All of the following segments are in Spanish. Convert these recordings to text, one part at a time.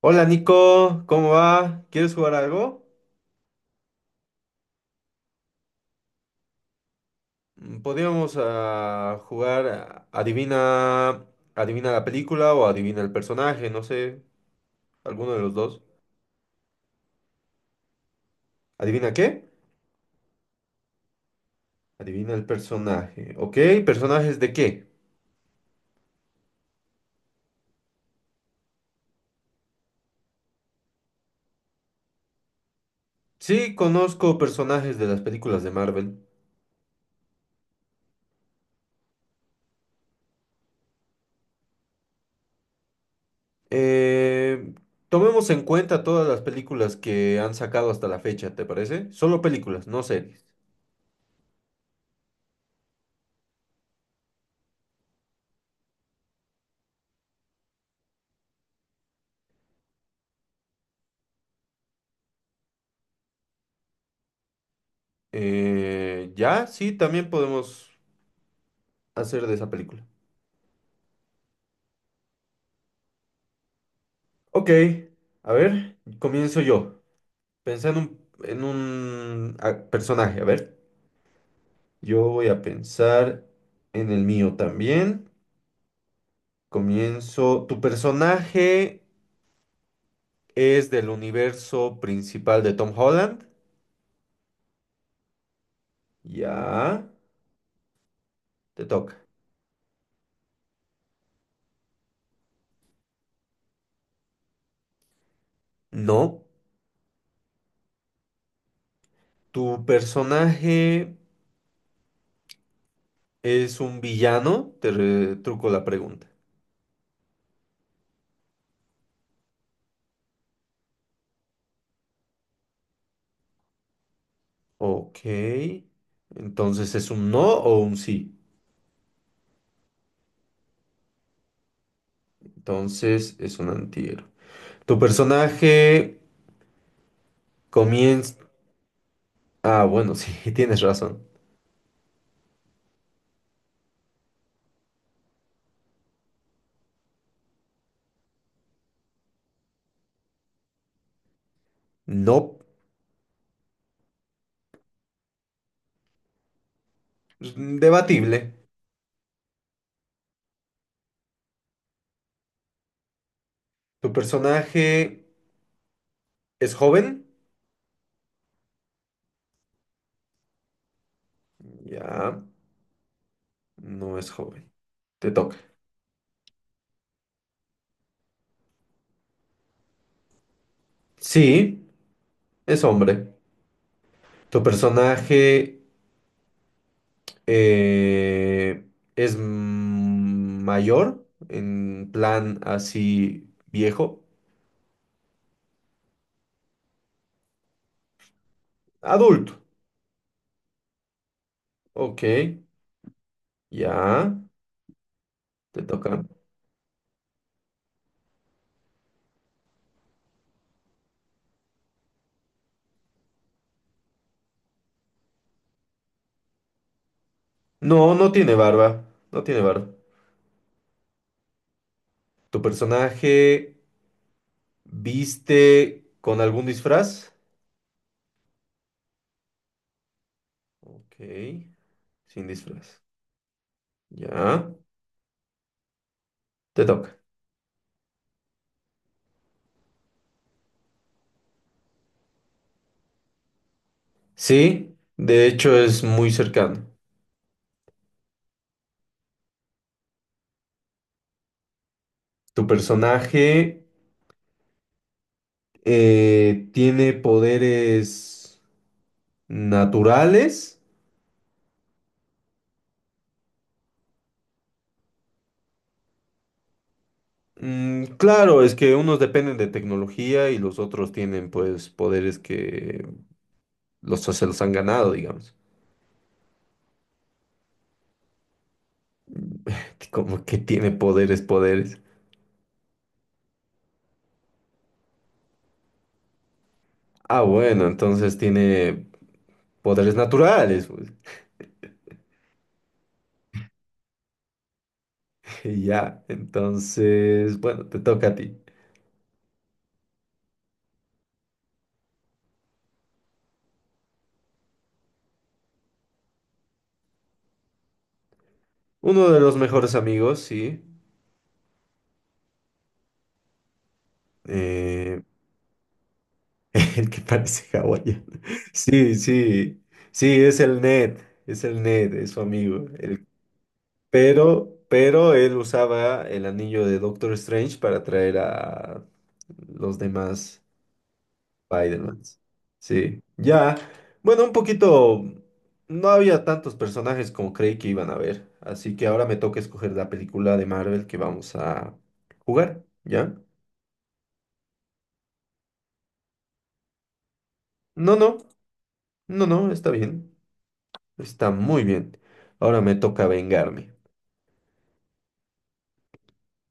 Hola Nico, ¿cómo va? ¿Quieres jugar algo? Podríamos jugar adivina la película o adivina el personaje, no sé, alguno de los dos. ¿Adivina qué? Adivina el personaje. Ok, ¿personajes de qué? Sí, conozco personajes de las películas de Marvel. Eh, Tomemos en cuenta todas las películas que han sacado hasta la fecha, ¿te parece? Solo películas, no series. Ya, sí, también podemos hacer de esa película. Ok, a ver, comienzo yo. Pensando en un personaje, a ver. Yo voy a pensar en el mío también. Comienzo. ¿Tu personaje es del universo principal de Tom Holland? Ya, te toca. No. ¿Tu personaje es un villano? Te retruco la pregunta. Ok. Entonces, ¿es un no o un sí? Entonces, es un antihéroe. Tu personaje comienza... Ah, bueno, sí, tienes razón. No, pues, debatible. Tu personaje es joven. Ya, no es joven. Te toca. Sí, es hombre. Tu personaje eh, es mayor, en plan así viejo. Adulto. Ok, ya, te toca. No, no tiene barba. No tiene barba. Tu personaje... ¿Viste con algún disfraz? Ok, sin disfraz. Ya, te toca. Sí, de hecho es muy cercano. Tu personaje tiene poderes naturales. Claro, es que unos dependen de tecnología y los otros tienen pues poderes que se los han ganado, digamos. Como que tiene poderes, poderes. Ah, bueno, entonces tiene poderes naturales, pues. Ya, entonces, bueno, te toca a ti. Uno de los mejores amigos, sí. eh, el que parece hawaiano. Sí, sí, sí, es el Ned, es el Ned, es su amigo. El, pero él usaba el anillo de Doctor Strange para atraer a los demás. Spider-Man. Sí, ya. Bueno, un poquito. No había tantos personajes como creí que iban a haber. Así que ahora me toca escoger la película de Marvel que vamos a jugar. ¿Ya? No, no. No, no. Está bien. Está muy bien. Ahora me toca vengarme.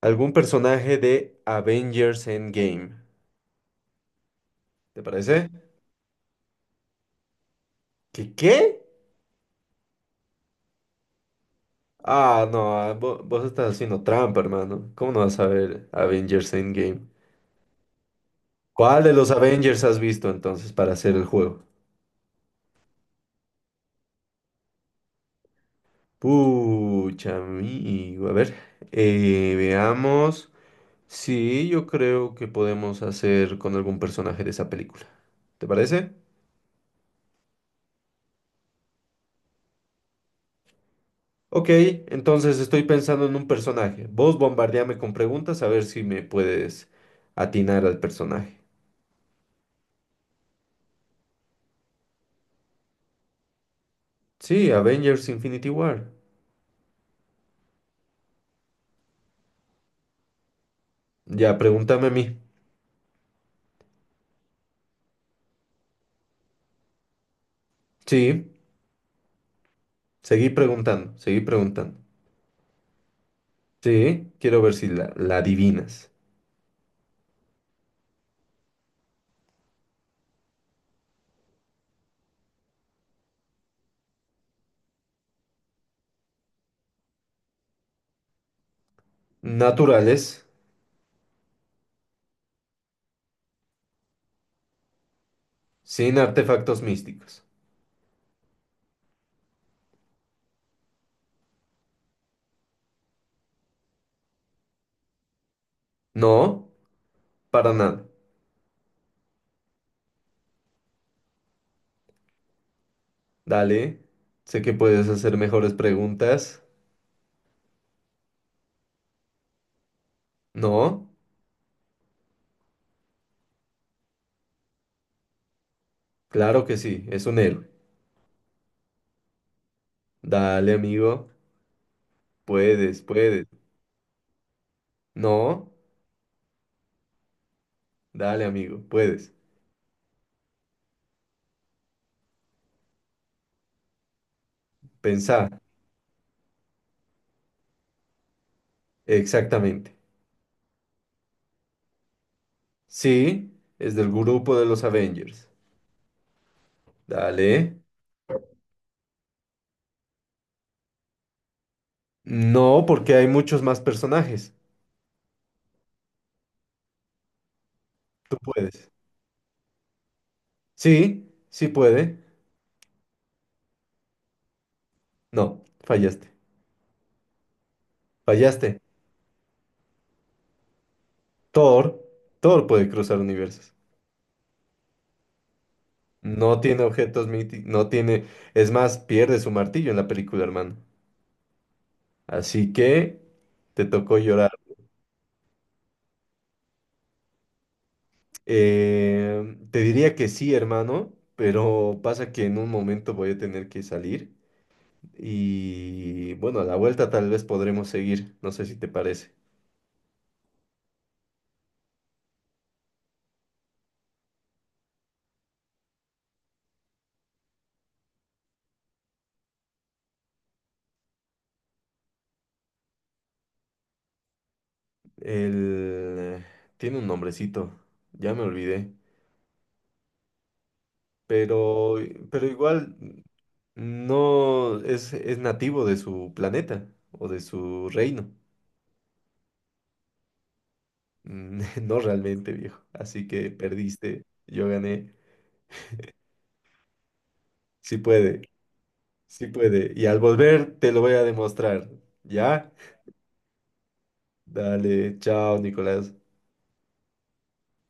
¿Algún personaje de Avengers Endgame? ¿Te parece? ¿Qué qué? Ah, no. Vos, estás haciendo trampa, hermano. ¿Cómo no vas a ver Avengers Endgame? ¿Cuál de los Avengers has visto entonces para hacer el juego? Pucha, amigo. A ver, veamos. Sí, yo creo que podemos hacer con algún personaje de esa película. ¿Te parece? Ok, entonces estoy pensando en un personaje. Vos bombardeame con preguntas a ver si me puedes atinar al personaje. Sí, Avengers Infinity War. Ya, pregúntame a mí. Sí, seguí preguntando, seguí preguntando. Sí, quiero ver si la adivinas. Naturales, sin artefactos místicos. No, para nada. Dale, sé que puedes hacer mejores preguntas. No, claro que sí, es un héroe. Dale, amigo, puedes, puedes. No, dale, amigo, puedes. Pensá, exactamente. Sí, es del grupo de los Avengers. Dale. No, porque hay muchos más personajes. Tú puedes. Sí, sí puede. No, fallaste. Fallaste. Thor, Thor puede cruzar universos. No tiene objetos míticos, no tiene... Es más, pierde su martillo en la película, hermano. Así que te tocó llorar. Te diría que sí, hermano, pero pasa que en un momento voy a tener que salir. Y bueno, a la vuelta tal vez podremos seguir. No sé si te parece. El... Tiene un nombrecito, ya me olvidé. Pero, pero igual... No es, es nativo de su planeta o de su reino. No realmente, viejo. Así que perdiste, yo gané. Sí puede, sí puede. Y al volver te lo voy a demostrar. ¿Ya? Dale, chao, Nicolás.